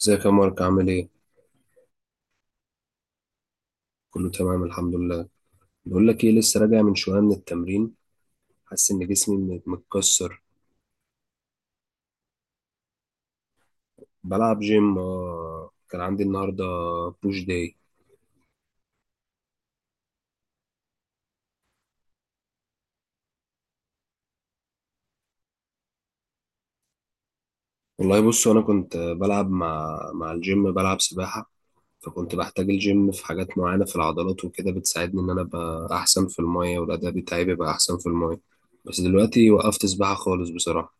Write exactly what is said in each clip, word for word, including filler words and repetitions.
ازيك يا مارك؟ عامل ايه؟ كله تمام الحمد لله. بقول لك ايه، لسه راجع من شويه من التمرين. حاسس ان جسمي م- متكسر. بلعب جيم، اه كان عندي النهارده بوش داي. والله بص، انا كنت بلعب مع مع الجيم، بلعب سباحه، فكنت بحتاج الجيم في حاجات معينه في العضلات وكده، بتساعدني ان انا ابقى احسن في المايه، والاداء بتاعي بيبقى احسن في المايه. بس دلوقتي وقفت سباحه خالص بصراحه.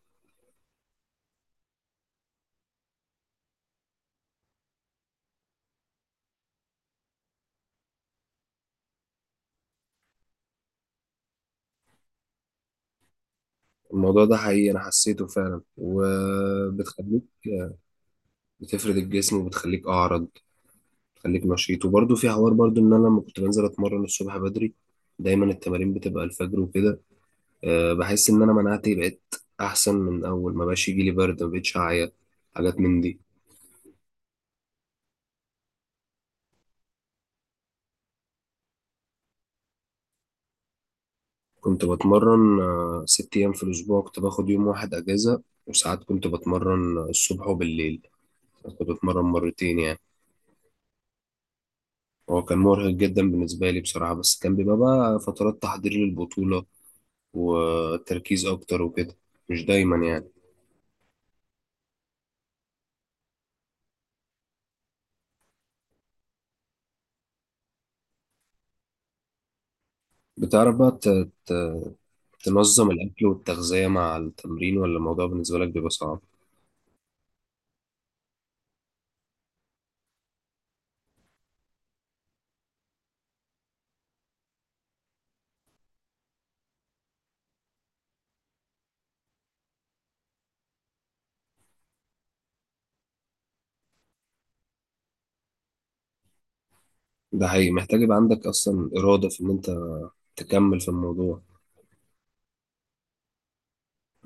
الموضوع ده حقيقي، انا حسيته فعلا، وبتخليك بتفرد الجسم، وبتخليك اعرض، خليك نشيط. وبرده في حوار برده ان انا لما كنت بنزل اتمرن الصبح بدري، دايما التمارين بتبقى الفجر وكده، أه بحس ان انا مناعتي بقت احسن. من اول ما بقاش يجي لي برد، ما بقتش اعيا، حاجات من دي. كنت بتمرن، آه، ست ايام في الاسبوع، كنت باخد يوم واحد اجازة، وساعات كنت بتمرن الصبح وبالليل، كنت بتمرن مرتين يعني. هو كان مرهق جدا بالنسبة لي بصراحة، بس كان بيبقى بقى فترات تحضير للبطولة وتركيز اكتر وكده، مش دايما يعني. بتعرف بقى ت- ت- تنظم الأكل والتغذية مع التمرين، ولا الموضوع بالنسبة لك بيبقى صعب؟ ده حقيقي، محتاج يبقى عندك أصلا إرادة في إن أنت تكمل في الموضوع.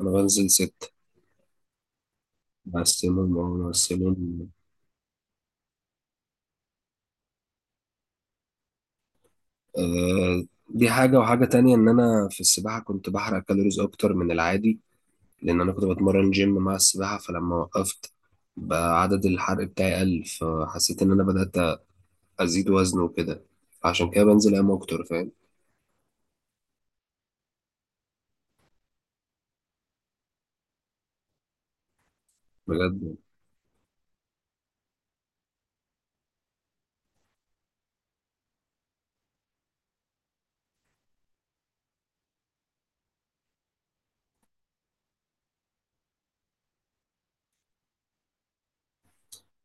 أنا بنزل ست. مع السيمون، مع السيمون، آه. دي حاجة، وحاجة تانية إن أنا في السباحة كنت بحرق كالوريز أكتر من العادي، لأن أنا كنت بتمرن جيم مع السباحة. فلما وقفت، بقى عدد الحرق بتاعي قل، فحسيت إن أنا بدأت أزيد وزن وكده، عشان كده بنزل أيام أكتر، فاهم. بجد.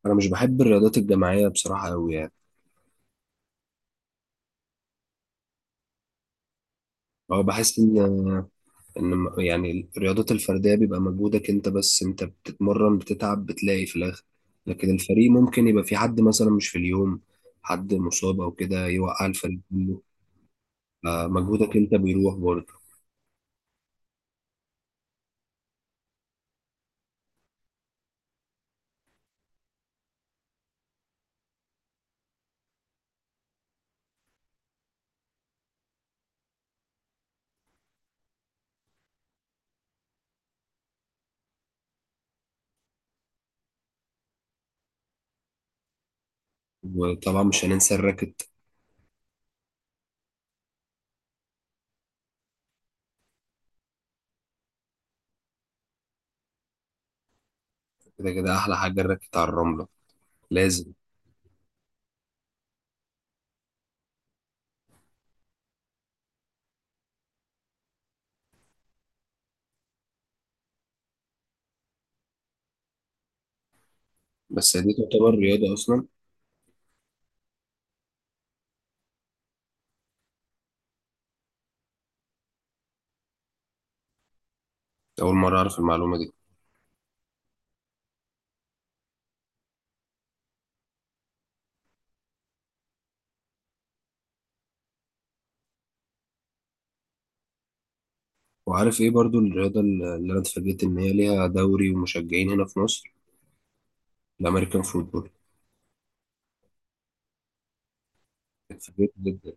أنا مش بحب الرياضات الجماعية بصراحة أوي يعني. هو بحس ان ان م- يعني الرياضات الفرديه بيبقى مجهودك انت بس، انت بتتمرن، بتتعب، بتلاقي في الاخر. لكن الفريق ممكن يبقى في حد مثلا مش في اليوم، حد مصاب او كده، يوقع الفريق كله، فمجهودك انت بيروح برضه. وطبعا مش هننسى الراكت. كده كده احلى حاجه الراكت على الرمله، لازم. بس دي تعتبر رياضه اصلا؟ اول مره اعرف المعلومه دي. وعارف ايه برضو الرياضه اللي انا اتفاجئت ان هي ليها دوري ومشجعين هنا في مصر؟ الامريكان فوتبول. اتفاجئت جدا.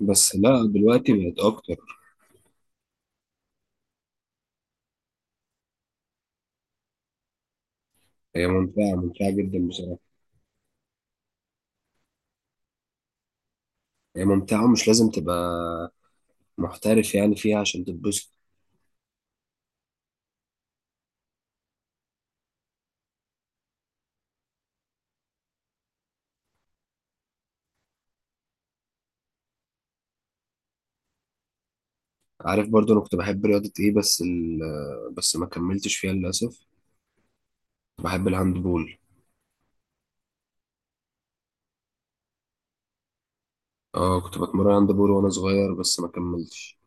بس لا، دلوقتي بقت اكتر. هي ممتعه، ممتعه جدا بصراحه. هي ممتعه، ومش لازم تبقى محترف يعني فيها عشان تتبسط. عارف برضو انا كنت بحب رياضه ايه؟ بس ال... آه، بس ما كملتش فيها للاسف. بحب الهاند بول. اه، كنت بتمرن هاند بول وانا صغير، بس ما كملتش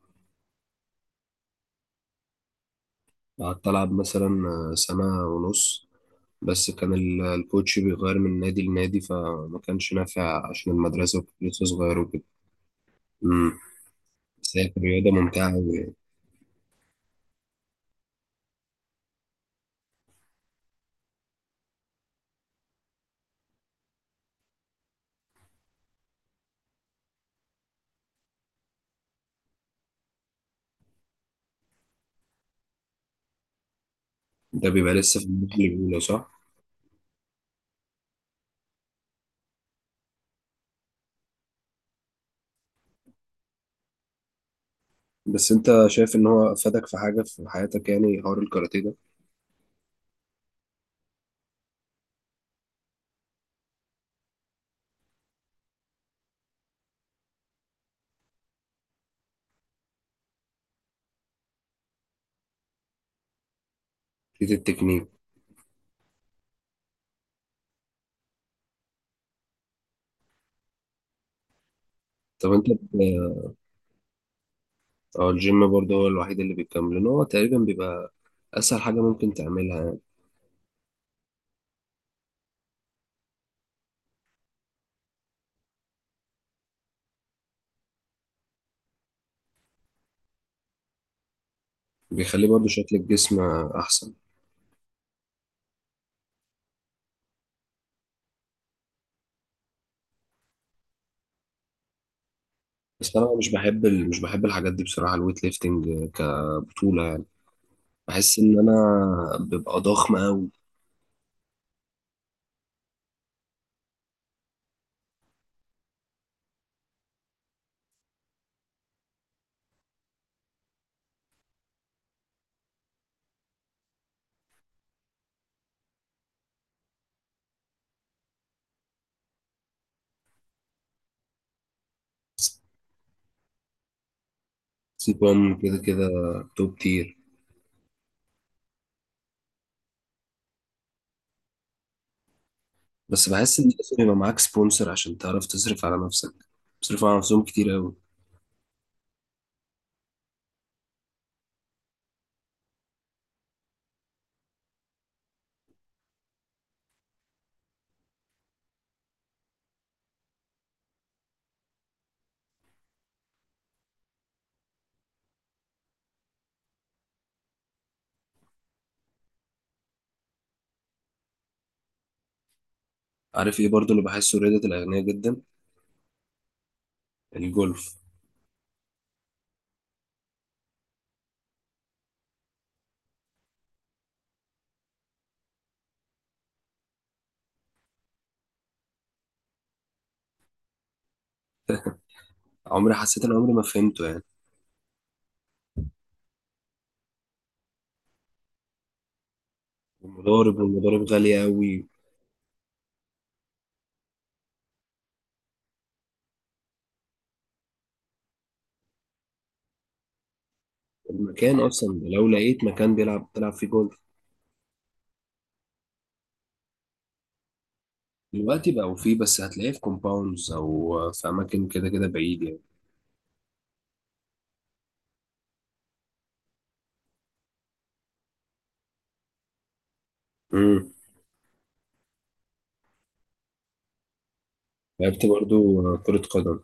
قعدت العب مثلا سنه ونص، بس كان ال- الكوتش بيغير من نادي لنادي، فما كانش نافع عشان المدرسه، وكنت لسه صغير وكده. امم. بس هي كانت رياضه ممتعه أوي يعني. ده بيبقى لسه في المرحله الاولى، صح؟ بس انت شايف ان هو افادك في حاجه في حياتك، يعني حوار الكاراتيه ده؟ في التكنيك. طب انت ب- اه، الجيم برضه هو الوحيد اللي بيكمل، لان هو تقريبا بيبقى اسهل حاجه ممكن تعملها يعني. بيخليه برضه شكل الجسم احسن. بس انا مش بحب ال... مش بحب الحاجات دي بصراحه، الويت ليفتنج كبطوله يعني، بحس ان انا ببقى ضخم قوي. سيبهم كده كده، توب تير. بس بحس ان لازم يبقى معاك سبونسر عشان تعرف تصرف على نفسك، بيصرفوا على نفسهم كتير قوي. عارف ايه برضه اللي بحسه رياضه الاغنياء جدا؟ الجولف. عمري حسيت، ان عمري ما فهمته يعني. المضارب والمضارب غالية قوي، المكان اصلا، لو لقيت مكان بيلعب تلعب فيه جولف. دلوقتي بقوا فيه، بس هتلاقيه في كومباوندز او في اماكن كده كده بعيد يعني. امم. لعبت برضو كرة قدم.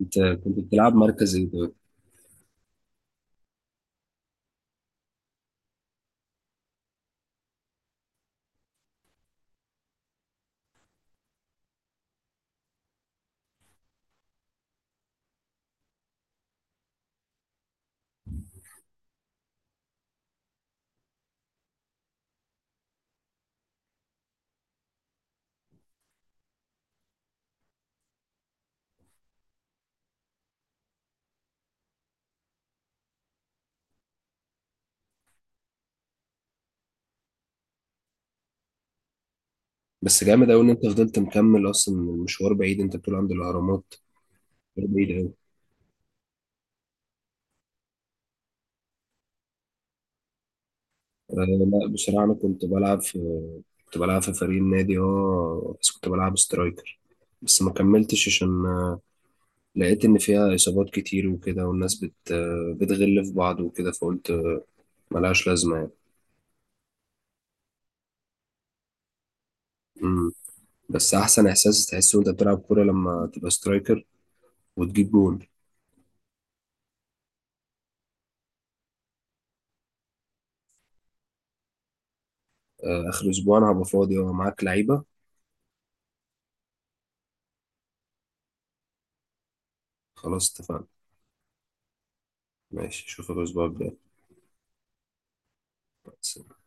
انت كنت بتلعب مركز ايه ده؟ بس جامد قوي ان انت فضلت مكمل، اصلا المشوار بعيد، انت بتقول عند الاهرامات، مشوار بعيد قوي. أه لا، بصراحة انا كنت بلعب في كنت بلعب في فريق النادي، اه بس كنت بلعب سترايكر. بس ما كملتش عشان لقيت إن فيها إصابات كتير وكده، والناس بت بتغل في بعض وكده، فقلت ملهاش لازمة يعني. مم. بس أحسن إحساس تحسه وأنت بتلعب كورة، لما تبقى سترايكر وتجيب جول. آه، آخر أسبوع أنا هبقى فاضي ومعاك لعيبة. خلاص اتفقنا. ماشي، أشوفك الأسبوع الجاي.